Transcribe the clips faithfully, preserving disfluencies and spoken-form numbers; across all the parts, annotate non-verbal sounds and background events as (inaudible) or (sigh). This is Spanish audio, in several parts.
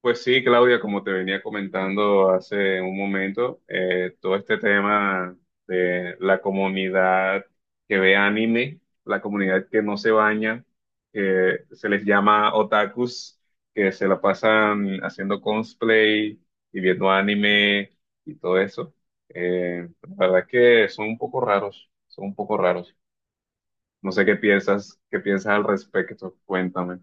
Pues sí, Claudia, como te venía comentando hace un momento, eh, todo este tema de la comunidad que ve anime, la comunidad que no se baña, que se les llama otakus, que se la pasan haciendo cosplay y viendo anime y todo eso. Eh, la verdad que son un poco raros, son un poco raros. No sé qué piensas, qué piensas al respecto, cuéntame.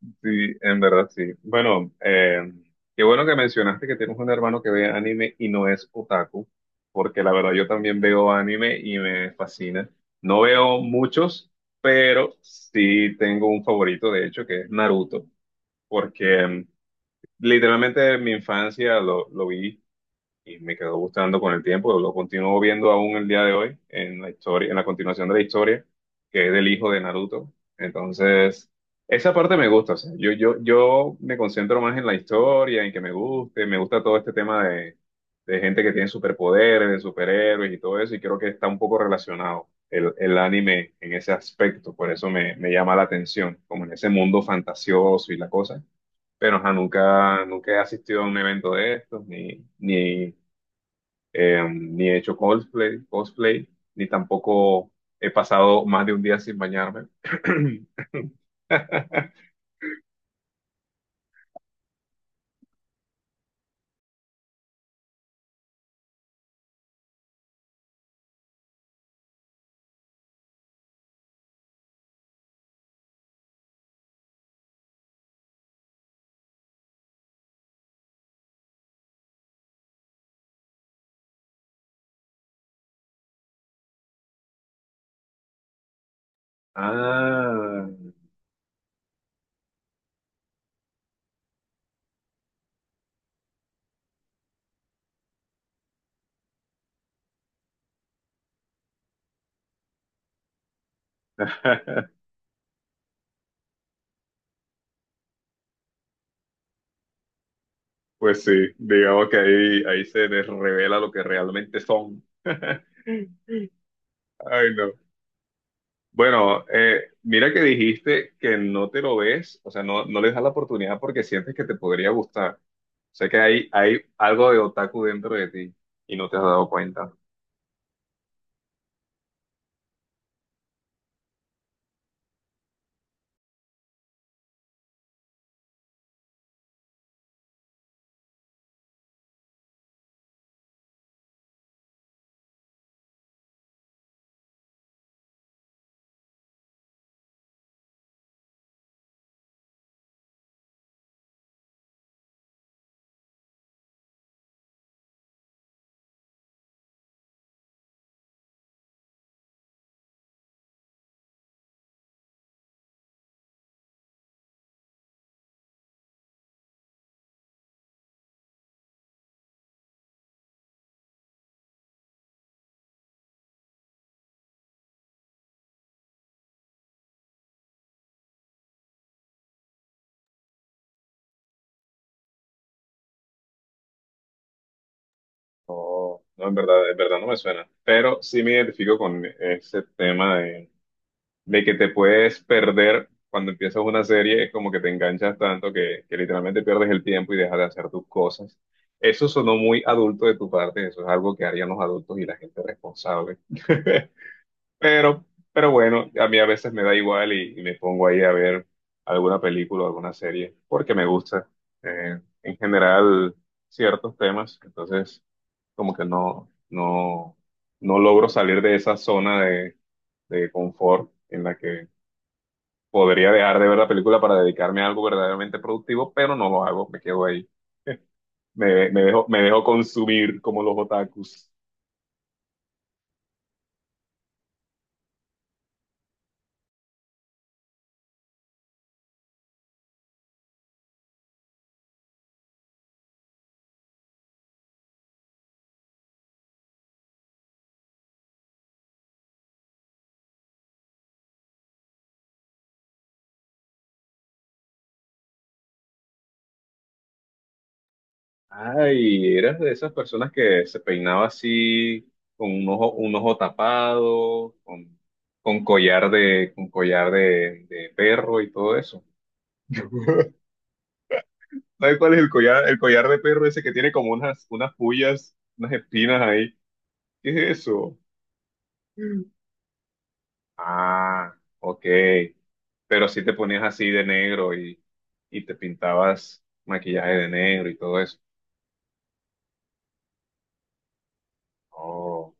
Sí, en verdad sí. Bueno, eh, qué bueno que mencionaste que tienes un hermano que ve anime y no es otaku, porque la verdad yo también veo anime y me fascina. No veo muchos, pero sí tengo un favorito, de hecho, que es Naruto, porque mm, literalmente en mi infancia lo, lo vi y me quedó gustando con el tiempo. Lo continúo viendo aún el día de hoy en la historia, en la continuación de la historia, que es del hijo de Naruto. Entonces, esa parte me gusta. O sea, yo, yo, yo me concentro más en la historia, en que me guste, me gusta todo este tema de, de gente que tiene superpoderes, de superhéroes y todo eso, y creo que está un poco relacionado. El, el anime en ese aspecto, por eso me, me llama la atención, como en ese mundo fantasioso y la cosa, pero ajá, nunca, nunca he asistido a un evento de estos, ni, ni eh, ni he hecho cosplay, cosplay, ni tampoco he pasado más de un día sin bañarme. (clears throat) Ah, (laughs) pues sí, digamos que ahí, ahí se les revela lo que realmente son. Ay, no. Bueno, eh, mira que dijiste que no te lo ves, o sea, no, no le das la oportunidad porque sientes que te podría gustar. Sé que hay, hay algo de otaku dentro de ti y no te has dado cuenta. Oh, no, en verdad, en verdad no me suena, pero sí me identifico con ese tema de, de que te puedes perder cuando empiezas una serie, es como que te enganchas tanto que, que literalmente pierdes el tiempo y dejas de hacer tus cosas. Eso sonó muy adulto de tu parte, eso es algo que harían los adultos y la gente responsable. (laughs) Pero, pero bueno, a mí a veces me da igual y, y me pongo ahí a ver alguna película o alguna serie porque me gusta eh, en general ciertos temas, entonces como que no, no, no logro salir de esa zona de, de confort en la que podría dejar de ver la película para dedicarme a algo verdaderamente productivo, pero no lo hago, me quedo ahí. (laughs) Me, me dejo, me dejo consumir como los otakus. Ay, eras de esas personas que se peinaba así, con un ojo, un ojo tapado, con, con collar de, con collar de, de perro y todo eso. (laughs) ¿Sabes cuál es el collar, el collar de perro ese que tiene como unas, unas pullas, unas espinas ahí? ¿Qué es eso? Ah, ok. Pero si te ponías así de negro y, y te pintabas maquillaje de negro y todo eso. Oh.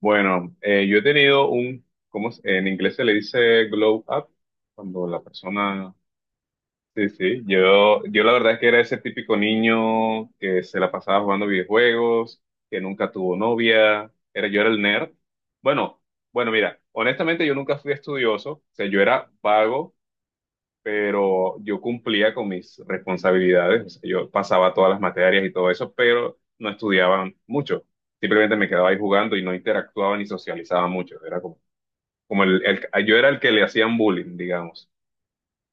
Bueno, eh, yo he tenido un, ¿cómo es? En inglés se le dice glow up, cuando la persona. Sí, sí, yo, yo la verdad es que era ese típico niño que se la pasaba jugando videojuegos, que nunca tuvo novia, era, yo era el nerd. Bueno, bueno, mira, honestamente yo nunca fui estudioso, o sea, yo era vago, pero yo cumplía con mis responsabilidades, o sea, yo pasaba todas las materias y todo eso, pero no estudiaba mucho, simplemente me quedaba ahí jugando y no interactuaba ni socializaba mucho, era como, como el, el- yo era el que le hacían bullying, digamos.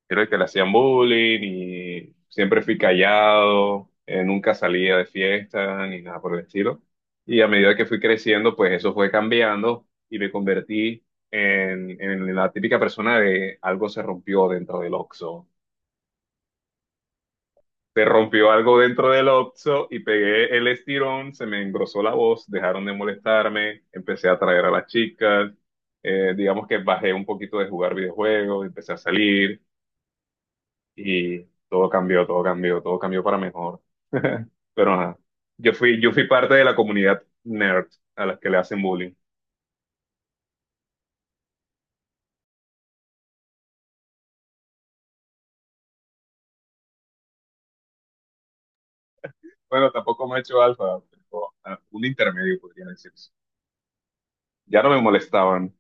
Era el que le hacían bullying y siempre fui callado, eh, nunca salía de fiesta ni nada por el estilo. Y a medida que fui creciendo, pues eso fue cambiando y me convertí en, en la típica persona de algo se rompió dentro del Oxxo. Se rompió algo dentro del Oxxo y pegué el estirón, se me engrosó la voz, dejaron de molestarme, empecé a atraer a las chicas, eh, digamos que bajé un poquito de jugar videojuegos, empecé a salir y todo cambió, todo cambió, todo cambió para mejor. (laughs) Pero nada, yo fui, yo fui parte de la comunidad nerd a las que le hacen bullying. Bueno, tampoco me he hecho alfa, pero a un intermedio podría decirse. Ya no me molestaban.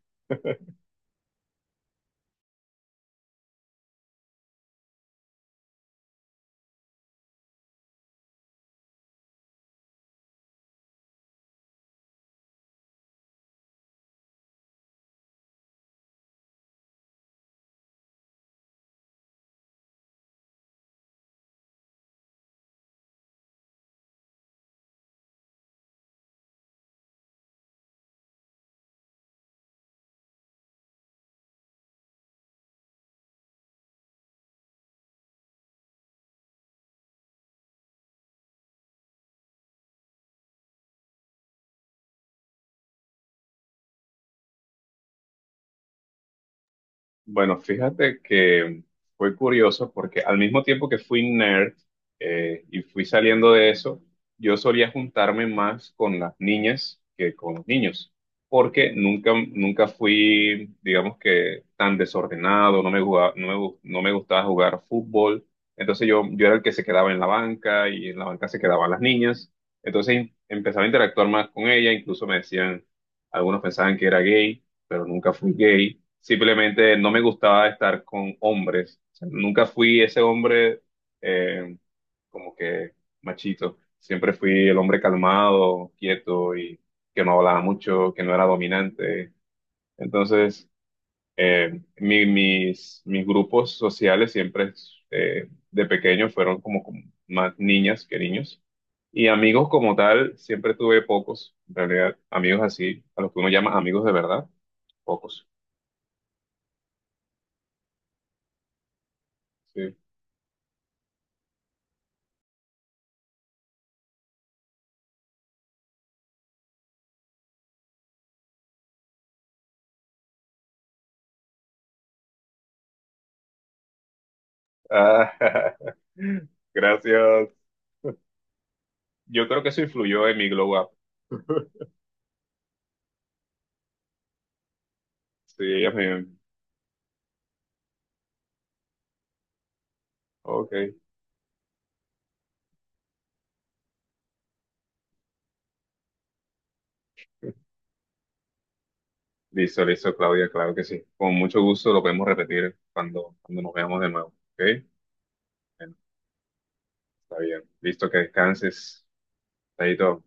Bueno, fíjate que fue curioso porque al mismo tiempo que fui nerd eh, y fui saliendo de eso, yo solía juntarme más con las niñas que con los niños, porque nunca, nunca fui, digamos que, tan desordenado, no me jugaba- no me, gu- no me gustaba jugar fútbol, entonces yo, yo era el que se quedaba en la banca y en la banca se quedaban las niñas, entonces em-, empezaba a interactuar más con ella, incluso me decían, algunos pensaban que era gay, pero nunca fui gay. Simplemente no me gustaba estar con hombres. O sea, nunca fui ese hombre eh, como que machito. Siempre fui el hombre calmado, quieto y que no hablaba mucho, que no era dominante. Entonces, eh, mi- mis, mis grupos sociales siempre eh, de pequeño fueron como como más niñas que niños. Y amigos como tal, siempre tuve pocos, en realidad, amigos así, a los que uno llama amigos de verdad, pocos. Sí. Ah, (laughs) gracias. Yo creo que eso influyó en mi glow up. Sí, ella me... Ok. Listo, listo, Claudia, claro que sí. Con mucho gusto lo podemos repetir cuando, cuando nos veamos de nuevo. ¿Ok? Bueno, está bien. Listo, que descanses. Ahí todo.